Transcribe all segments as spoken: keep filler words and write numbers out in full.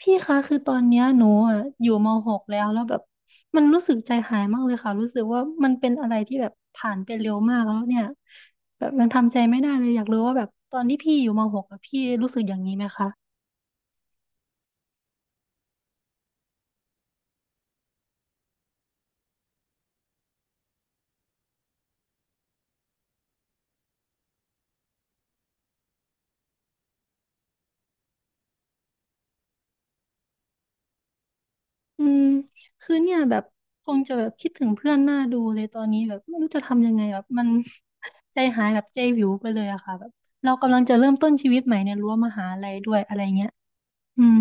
พี่คะคือตอนเนี้ยหนูอ่ะอยู่ม .หก แล้วแล้วแบบมันรู้สึกใจหายมากเลยค่ะรู้สึกว่ามันเป็นอะไรที่แบบผ่านไปเร็วมากแล้วเนี่ยแบบมันทำใจไม่ได้เลยอยากรู้ว่าแบบตอนที่พี่อยู่ม .หก อะพี่รู้สึกอย่างนี้ไหมคะอืมคือเนี่ยแบบคงจะแบบคิดถึงเพื่อนหน้าดูเลยตอนนี้แบบไม่รู้จะทำยังไงแบบมัน ใจหายแบบใจวิวไปเลยอะค่ะแบบเรากำลังจะเริ่มต้นชีวิตใหม่ในรั้วมหาลัยด้วยอะไรเงี้ยอืม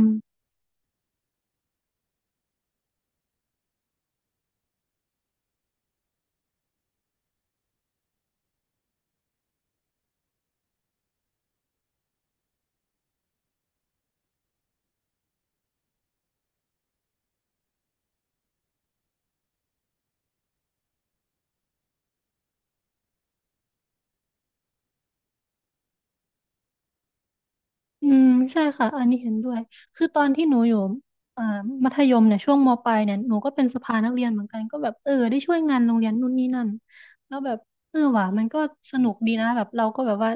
อืมใช่ค่ะอันนี้เห็นด้วยคือตอนที่หนูอยู่อ่อมัธยมเนี่ยช่วงมปลายเนี่ยหนูก็เป็นสภานักเรียนเหมือนกันก็แบบเออได้ช่วยงานโรงเรียนนู่นนี่นั่นแล้วแบบเออว่ะมันก็สนุกดีนะแบบเราก็แบบว่า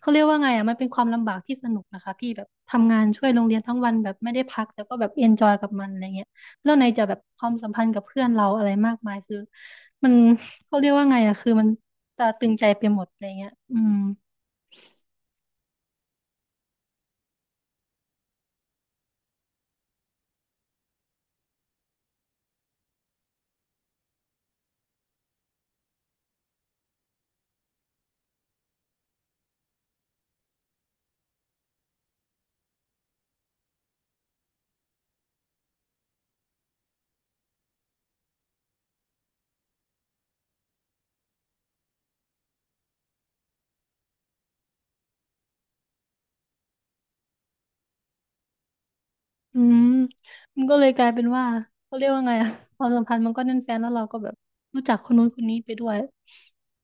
เขาเรียกว่าไงอ่ะมันเป็นความลำบากที่สนุกนะคะพี่แบบทำงานช่วยโรงเรียนทั้งวันแบบไม่ได้พักแต่ก็แบบเอนจอยกับมันอะไรเงี้ยแล้วในจะแบบความสัมพันธ์กับเพื่อนเราอะไรมากมายคือมันเขาเรียกว่าไงอ่ะคือมันตราตรึงใจไปหมดอะไรเงี้ยอืม อืมมันก็เลยกลายเป็นว่าเขาเรียกว่าไงอะความสัมพันธ์มันก็แน่นแฟ้นแล้วเราก็แบบรู้จักคนนู้นคนนี้ไปด้วย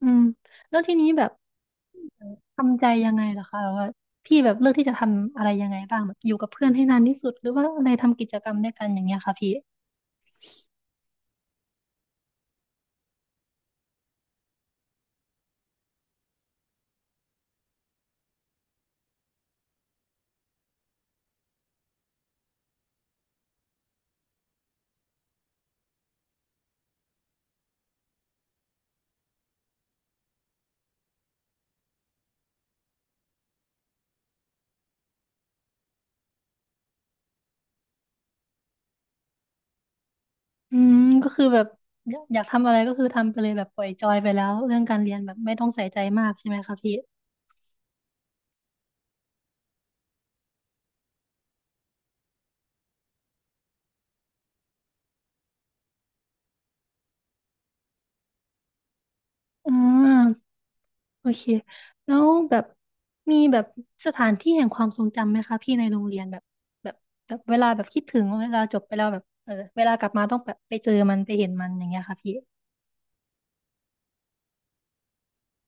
อืมแล้วทีนี้แบบทำใจยังไงล่ะคะแบบว่าพี่แบบเลือกที่จะทำอะไรยังไงบ้างแบบอยู่กับเพื่อนให้นานที่สุดหรือว่าอะไรทำกิจกรรมด้วยกันอย่างเงี้ยค่ะพี่อืมก็คือแบบอยากอยากทำอะไรก็คือทำไปเลยแบบปล่อยจอยไปแล้วเรื่องการเรียนแบบไม่ต้องใส่ใจมากใช่ไหมคะพี่อืม โอเค แล้วแบบมีแบบสถานที่แห่งความทรงจำไหมคะพี่ในโรงเรียนแบบแบบแบบเวลาแบบคิดถึงเวลาจบไปแล้วแบบเออเวลากลับมาต้องแบบไปเจอมันไปเห็นมันอย่างเงี้ยค่ะพี่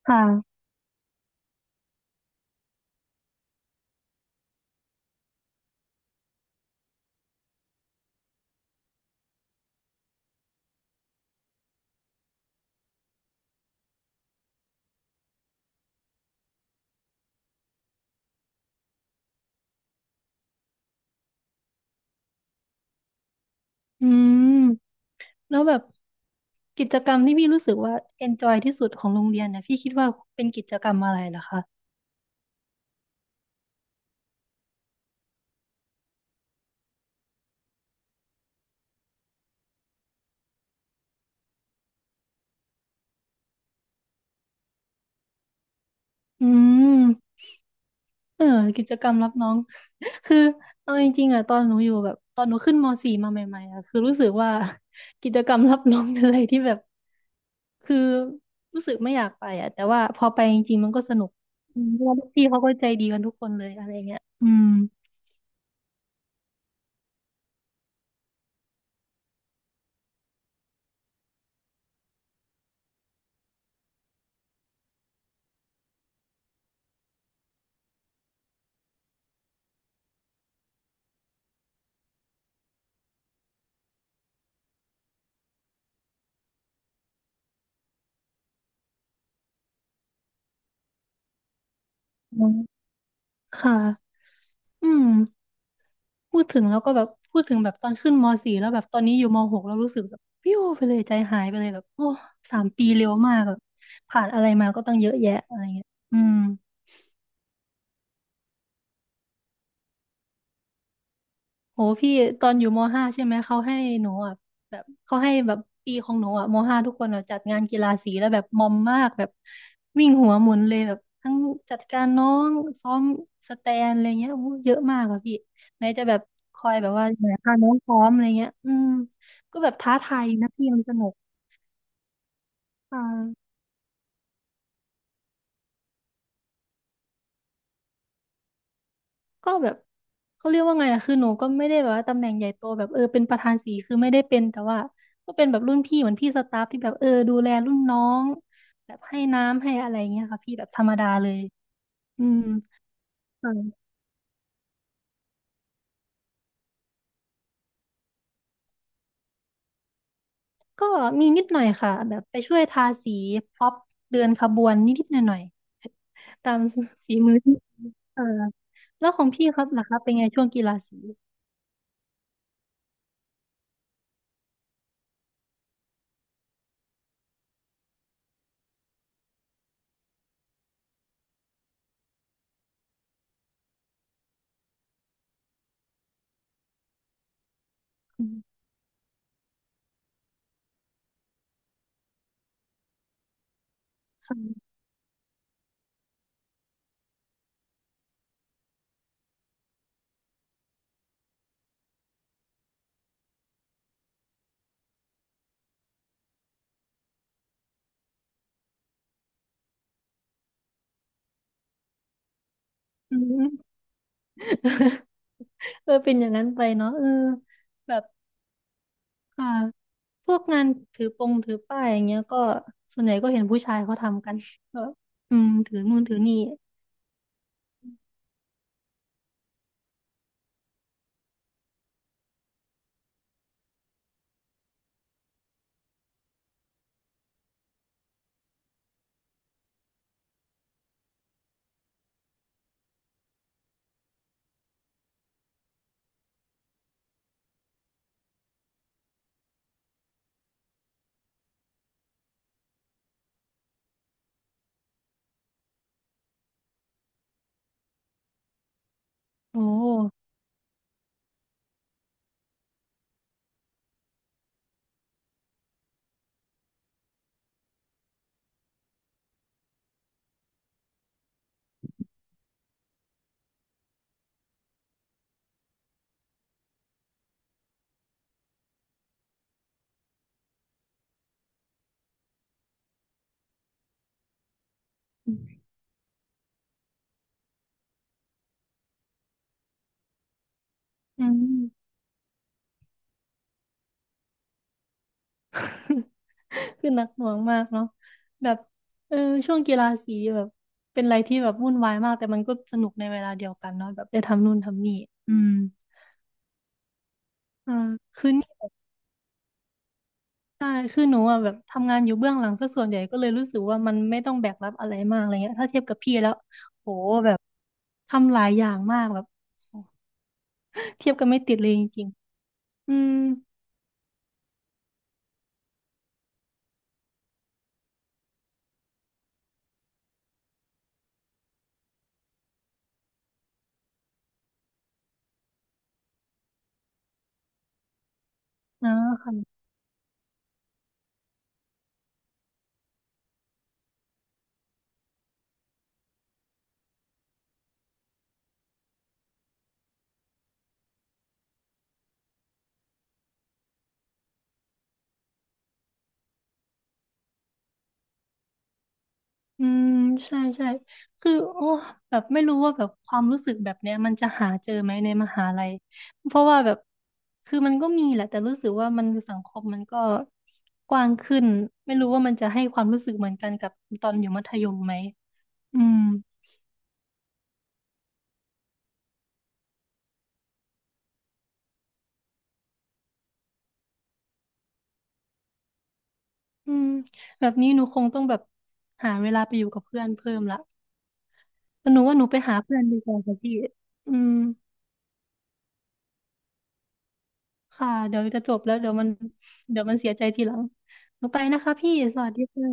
ค่ะอืม แล้วแบบกิจกรรมที่พี่รู้สึกว่า enjoy ที่สุดของโรงเรียนเนี่ยพี่คิดว่าเป็นกิจกรรมอะไรเหรอคะอืม เออกิจกรรมรับน้อง คือเอาจริงๆอะตอนหนูอยู่แบบตอนหนูขึ้นมสี่มาใหม่ๆอะคือรู้สึกว่า กิจกรรมรับน้องเป็นอะไรที่แบบคือรู้สึกไม่อยากไปอะแต่ว่าพอไปจริงๆมันก็สนุกอืมเพราะว่าพี่เขาก็ใจดีกันทุกคนเลยอะไรเงี้ยอืมอืมค่ะอืมพูดถึงแล้วก็แบบพูดถึงแบบตอนขึ้นมสี่แล้วแบบตอนนี้อยู่ม .หก แล้วรู้สึกแบบปิ้วไปเลยใจหายไปเลยแบบโอ้สามปีเร็วมากแบบผ่านอะไรมาก็ต้องเยอะแยะอะไรเงี้ยอืม โหพี่ตอนอยู่มห้าใช่ไหมเขาให้หนูอ่ะแบบเขาให้แบบปีของหนูอ่ะมห้าทุกคนอะจัดงานกีฬาสีแล้วแบบมอมมากแบบวิ่งหัวหมุนเลยแบบทั้งจัดการน้องซ้อมสแตนอะไรเงี้ยโอ้โหเยอะมากอ่ะพี่ไหนจะแบบคอยแบบว่าไหนพาน้องซ้อมอะไรเงี้ยอืมก็แบบท้าทายนะพี่มันสนุกอ่า ก็แบบเขาเรียกว่าไงอะคือหนูก็ไม่ได้แบบว่าตำแหน่งใหญ่โตแบบเออเป็นประธานสีคือไม่ได้เป็นแต่ว่าก็เป็นแบบรุ่นพี่เหมือนพี่สตาฟที่แบบเออดูแลรุ่นน้องแบบให้น้ำให้อะไรเงี้ยค่ะพี่แบบธรรมดาเลยอืมค่ะก็มีนิดหน่อยค่ะแบบไปช่วยทาสีพ็อปเดินขบวนนิดๆหน่อยๆตามฝีมือที่เออแล้วของพี่ครับล่ะครับเป็นไงช่วงกีฬาสีอืมค่ะอืม เออเป็นอย่างนั้นไปเนาะเออแบบ ค่ะพวกงานถือปงถือป้ายอย่างเงี้ยก็ส่วนใหญ่ก็เห็นผู้ชายเขาทำกันก็อืมถือนู่นถือนี่โอ้อืม คือหนักหน่วงมากเนาะแบบเออช่วงกีฬาสีแบบเป็นอะไรที่แบบวุ่นวายมากแต่มันก็สนุกในเวลาเดียวกันเนาะแบบได้ทำนู่นทำนี่อืมอ่าคือนี่ใช่คือหนูอ่ะแบบทำงานอยู่เบื้องหลังซะส่วนใหญ่ก็เลยรู้สึกว่ามันไม่ต้องแบกรับอะไรมากอะไรเงี้ยถ้าเทียบกับพี่แล้วโหแบบทำหลายอย่างมากแบบโห เทียบกันไม่ติดเลยจริงๆอืมอ๋อค่ะอืมใช่ใช่คือโอ้แบบไม่รู้ว่าแบบความรู้สึกแบบเนี้ยมันจะหาเจอไหมในมหาลัยเพราะว่าแบบคือมันก็มีแหละแต่รู้สึกว่ามันสังคมมันก็กว้างขึ้นไม่รู้ว่ามันจะให้ความรู้สึกเหมือนกันกับตอนอยู่มัธยมไหมอืมอืมแบบนี้หนูคงต้องแบบหาเวลาไปอยู่กับเพื่อนเพิ่มละแต่หนูว่าหนูไปหาเพื่อนดีกว่าค่ะพี่อืม ค่ะเดี๋ยวจะจบแล้วเดี๋ยวมันเดี๋ยวมันเสียใจทีหลังหนูไปนะคะพี่สวัสดีค่ะ